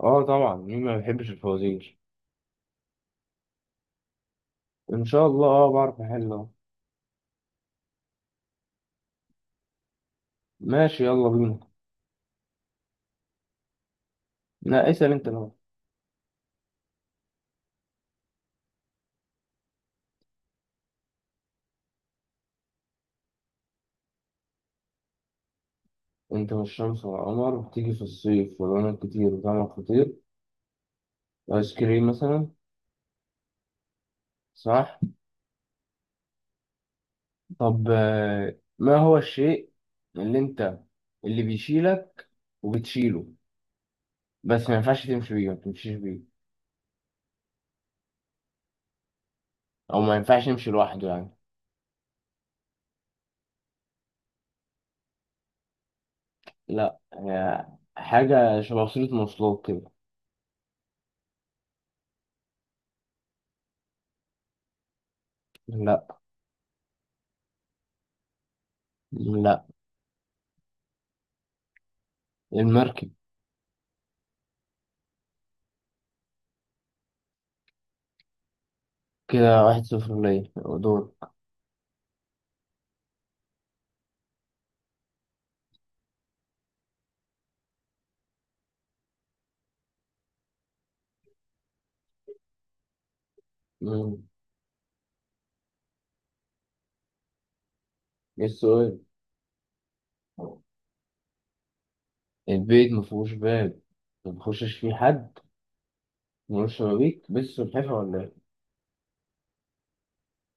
اه، طبعا مين ما بيحبش الفوازير. ان شاء الله، اه بعرف احل اهو. ماشي، يلا بينا. لا، اسأل انت بقى. انت والشمس والقمر بتيجي في الصيف ولونك كتير وطعمك خطير. ايس كريم مثلا. صح. طب ما هو الشيء اللي انت اللي بيشيلك وبتشيله، بس ما ينفعش تمشي بيه، ما تمشيش بيه. او ما ينفعش يمشي لوحده يعني. لا، هي حاجة شبه وسيلة مواصلات كده. لا. لا. المركب. كده واحد صفر، ليا دور. مم. ايه السؤال؟ البيت ما فيهوش باب، ما بيخشش فيه حد، ملوش شبابيك، بس سلحفاة ولا ايه؟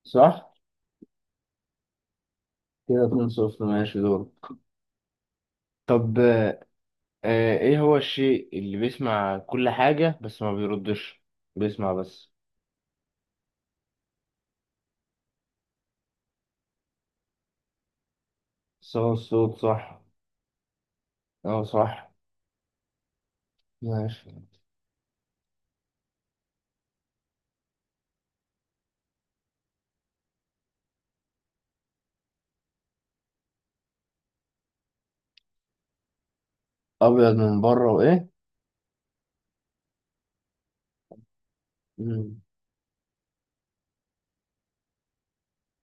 صح. كده اتنين صفر، ماشي دور. طب ايه هو الشيء اللي بيسمع كل حاجة بس ما بيردش، بيسمع بس. صوت الصوت. صح. اه صح. ماشي. ابيض من بره وايه؟ مم.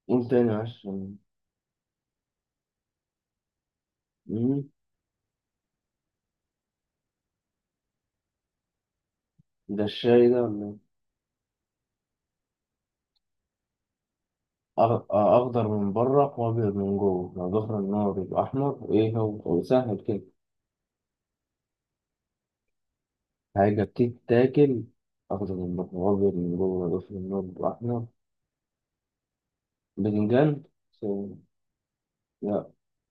قول تاني معلش. مم. ده الشاي ده ولا إيه؟ أخضر من بره وأبيض من جوه، لو ظهر النار يبقى أحمر. إيه هو؟ هو سهل كده. حاجة بتتاكل. أخضر من بره وأبيض من جوه، لو ظهر النار يبقى أحمر. باذنجان. سو- لا.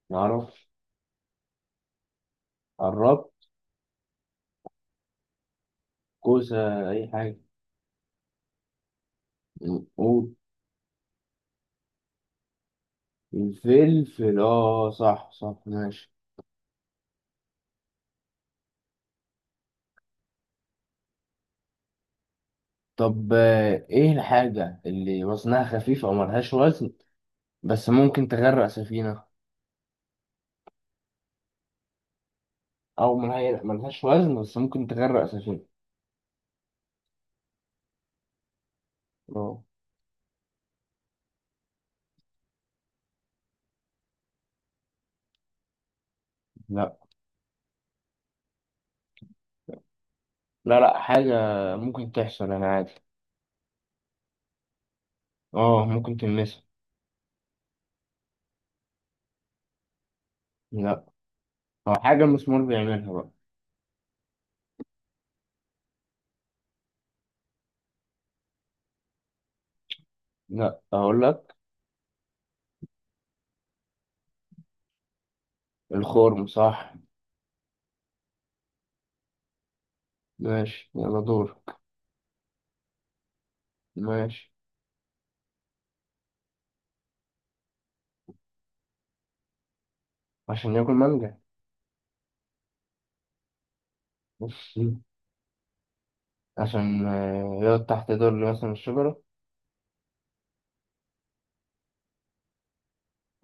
معرفش. قربت. كوسة، أي حاجة. قول. الفلفل، آه صح صح، ماشي. طب إيه الحاجة اللي وزنها خفيف أو ملهاش وزن بس ممكن تغرق سفينة؟ أو ملهاش وزن بس ممكن تغرق سفينة. اه. لا. لا. لا، حاجة ممكن تحصل، أنا عادي. اه، ممكن تلمسها. لا. أو حاجة المسمار بيعملها بقى. لا، أقول لك. الخرم، صح. ماشي يلا دور. ماشي. عشان ياكل مانجا. بص، عشان يقعد تحت ظل مثلا الشجرة.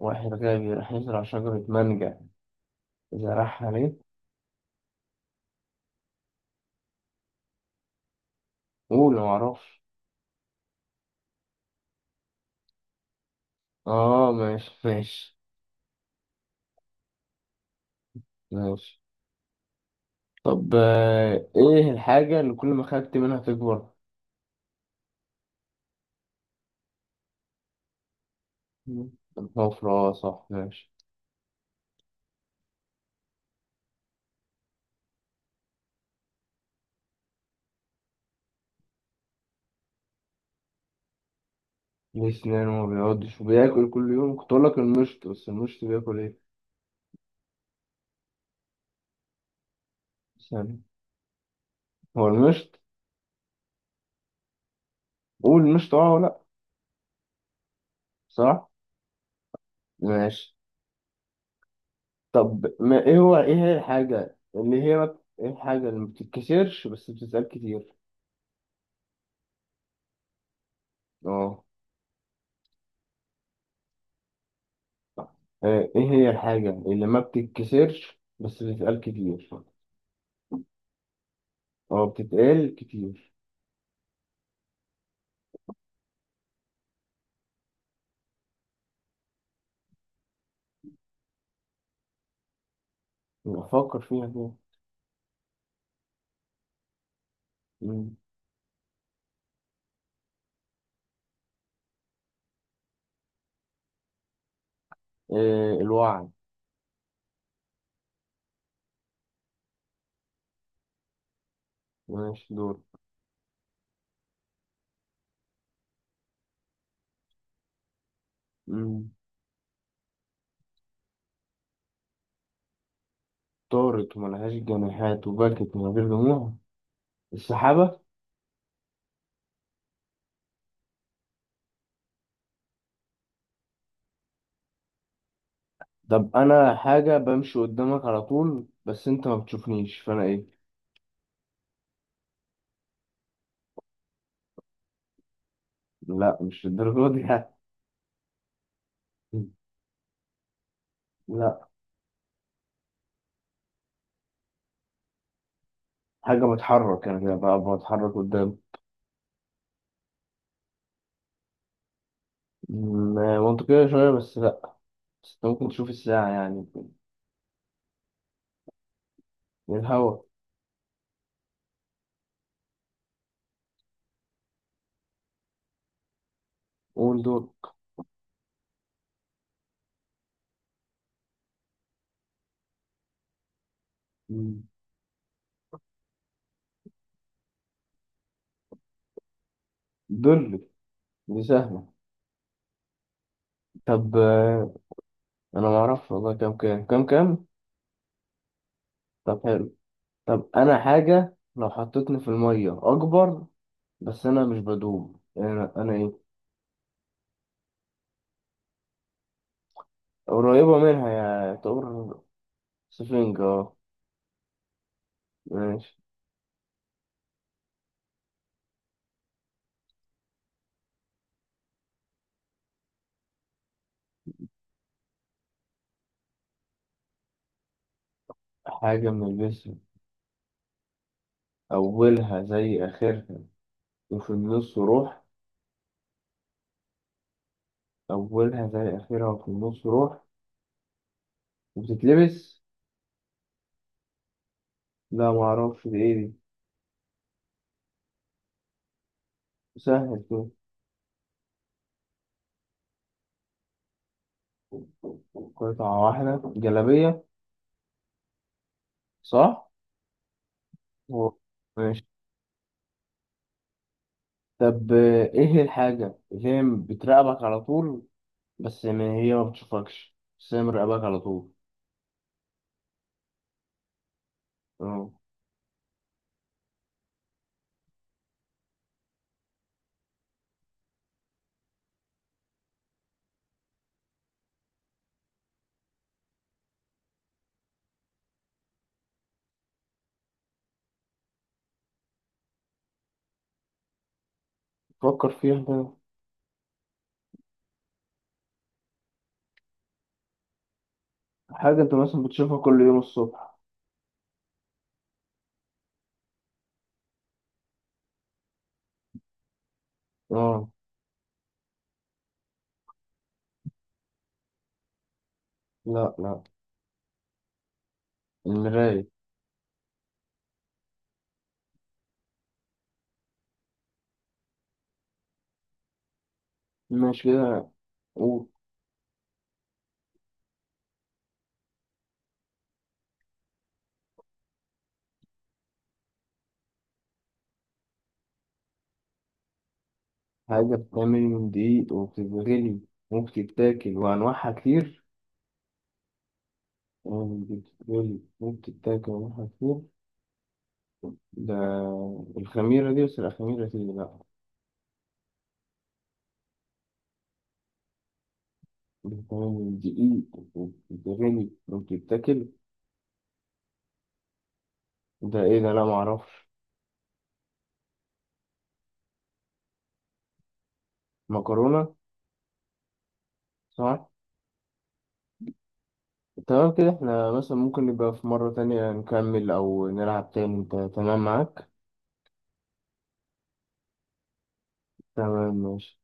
واحد غبي راح يزرع شجرة مانجا، زرعها ليه؟ قول معرفش. اه ماشي ماشي. ماشي. طب ايه الحاجة اللي كل ما خدت منها تكبر؟ الحفرة، صح ماشي. ليه سنان وما بيقعدش وبياكل كل يوم، كنت اقول لك المشط، بس المشط بياكل ايه؟ ثانية. هو المشط. قول المشط اه ولا لأ، صح، ماشي. طب ما ايه هي الحاجة اللي هي ما بت- ايه الحاجة اللي ما بتتكسرش بس بتتقال كتير؟ اه. ايه هي الحاجة اللي ما بتتكسرش بس بتتقال كتير؟ اه، بتتقال كتير. افكر فيها كده. مم. إيه، الوعي. ماشي دور. مم. طارت وملهاش جناحات، وبكت من غير دموع. السحابة. طب انا حاجه بمشي قدامك على طول بس انت ما بتشوفنيش، فانا ايه؟ لا، مش الدرجه دي يعني. لا، حاجه بتحرك، انا كده بقى بتحرك قدام. منطقيه شويه، بس لا. بس انت ممكن تشوف الساعه يعني. من الهوا. قول دول. م. دول، دي سهله. طب انا ما اعرفش والله، كام كام كام كام. طب حلو. طب انا حاجه لو حطيتني في الميه اكبر، بس انا مش بدوب، انا انا ايه؟ قريبه منها، يا طور. سفنج، اه. ماشي. حاجة من الجسم. أولها زي آخرها وفي النص روح. أولها زي آخرها وفي النص روح وبتتلبس. لا، معرفش دي إيه دي. سهل كده. قطعة واحدة، جلابية. صح؟ و- ماشي. طب إيه الحاجة اللي هي بتراقبك على طول بس ما هي ما بتشوفكش، بس هي مراقبك على طول. اه. فكر فيها كده. حاجة أنت مثلا بتشوفها كل يوم الصبح. اه. لا لا. المراية. ماشي كده. قول. حاجة بتتعمل من دقيق وبتتغلي وبتتاكل وأنواعها كتير. وبتتغلي وبتتاكل وأنواعها كتير. ده الخميرة دي، بس لا، الخميرة دي لأ. بتتعمل من دقيق وبتتغلي وبتتاكل. ده إيه ده؟ لأ معرفش. مكرونة. صح؟ تمام كده، احنا مثلا ممكن نبقى في مرة تانية نكمل أو نلعب تاني، أنت تمام معاك؟ تمام ماشي.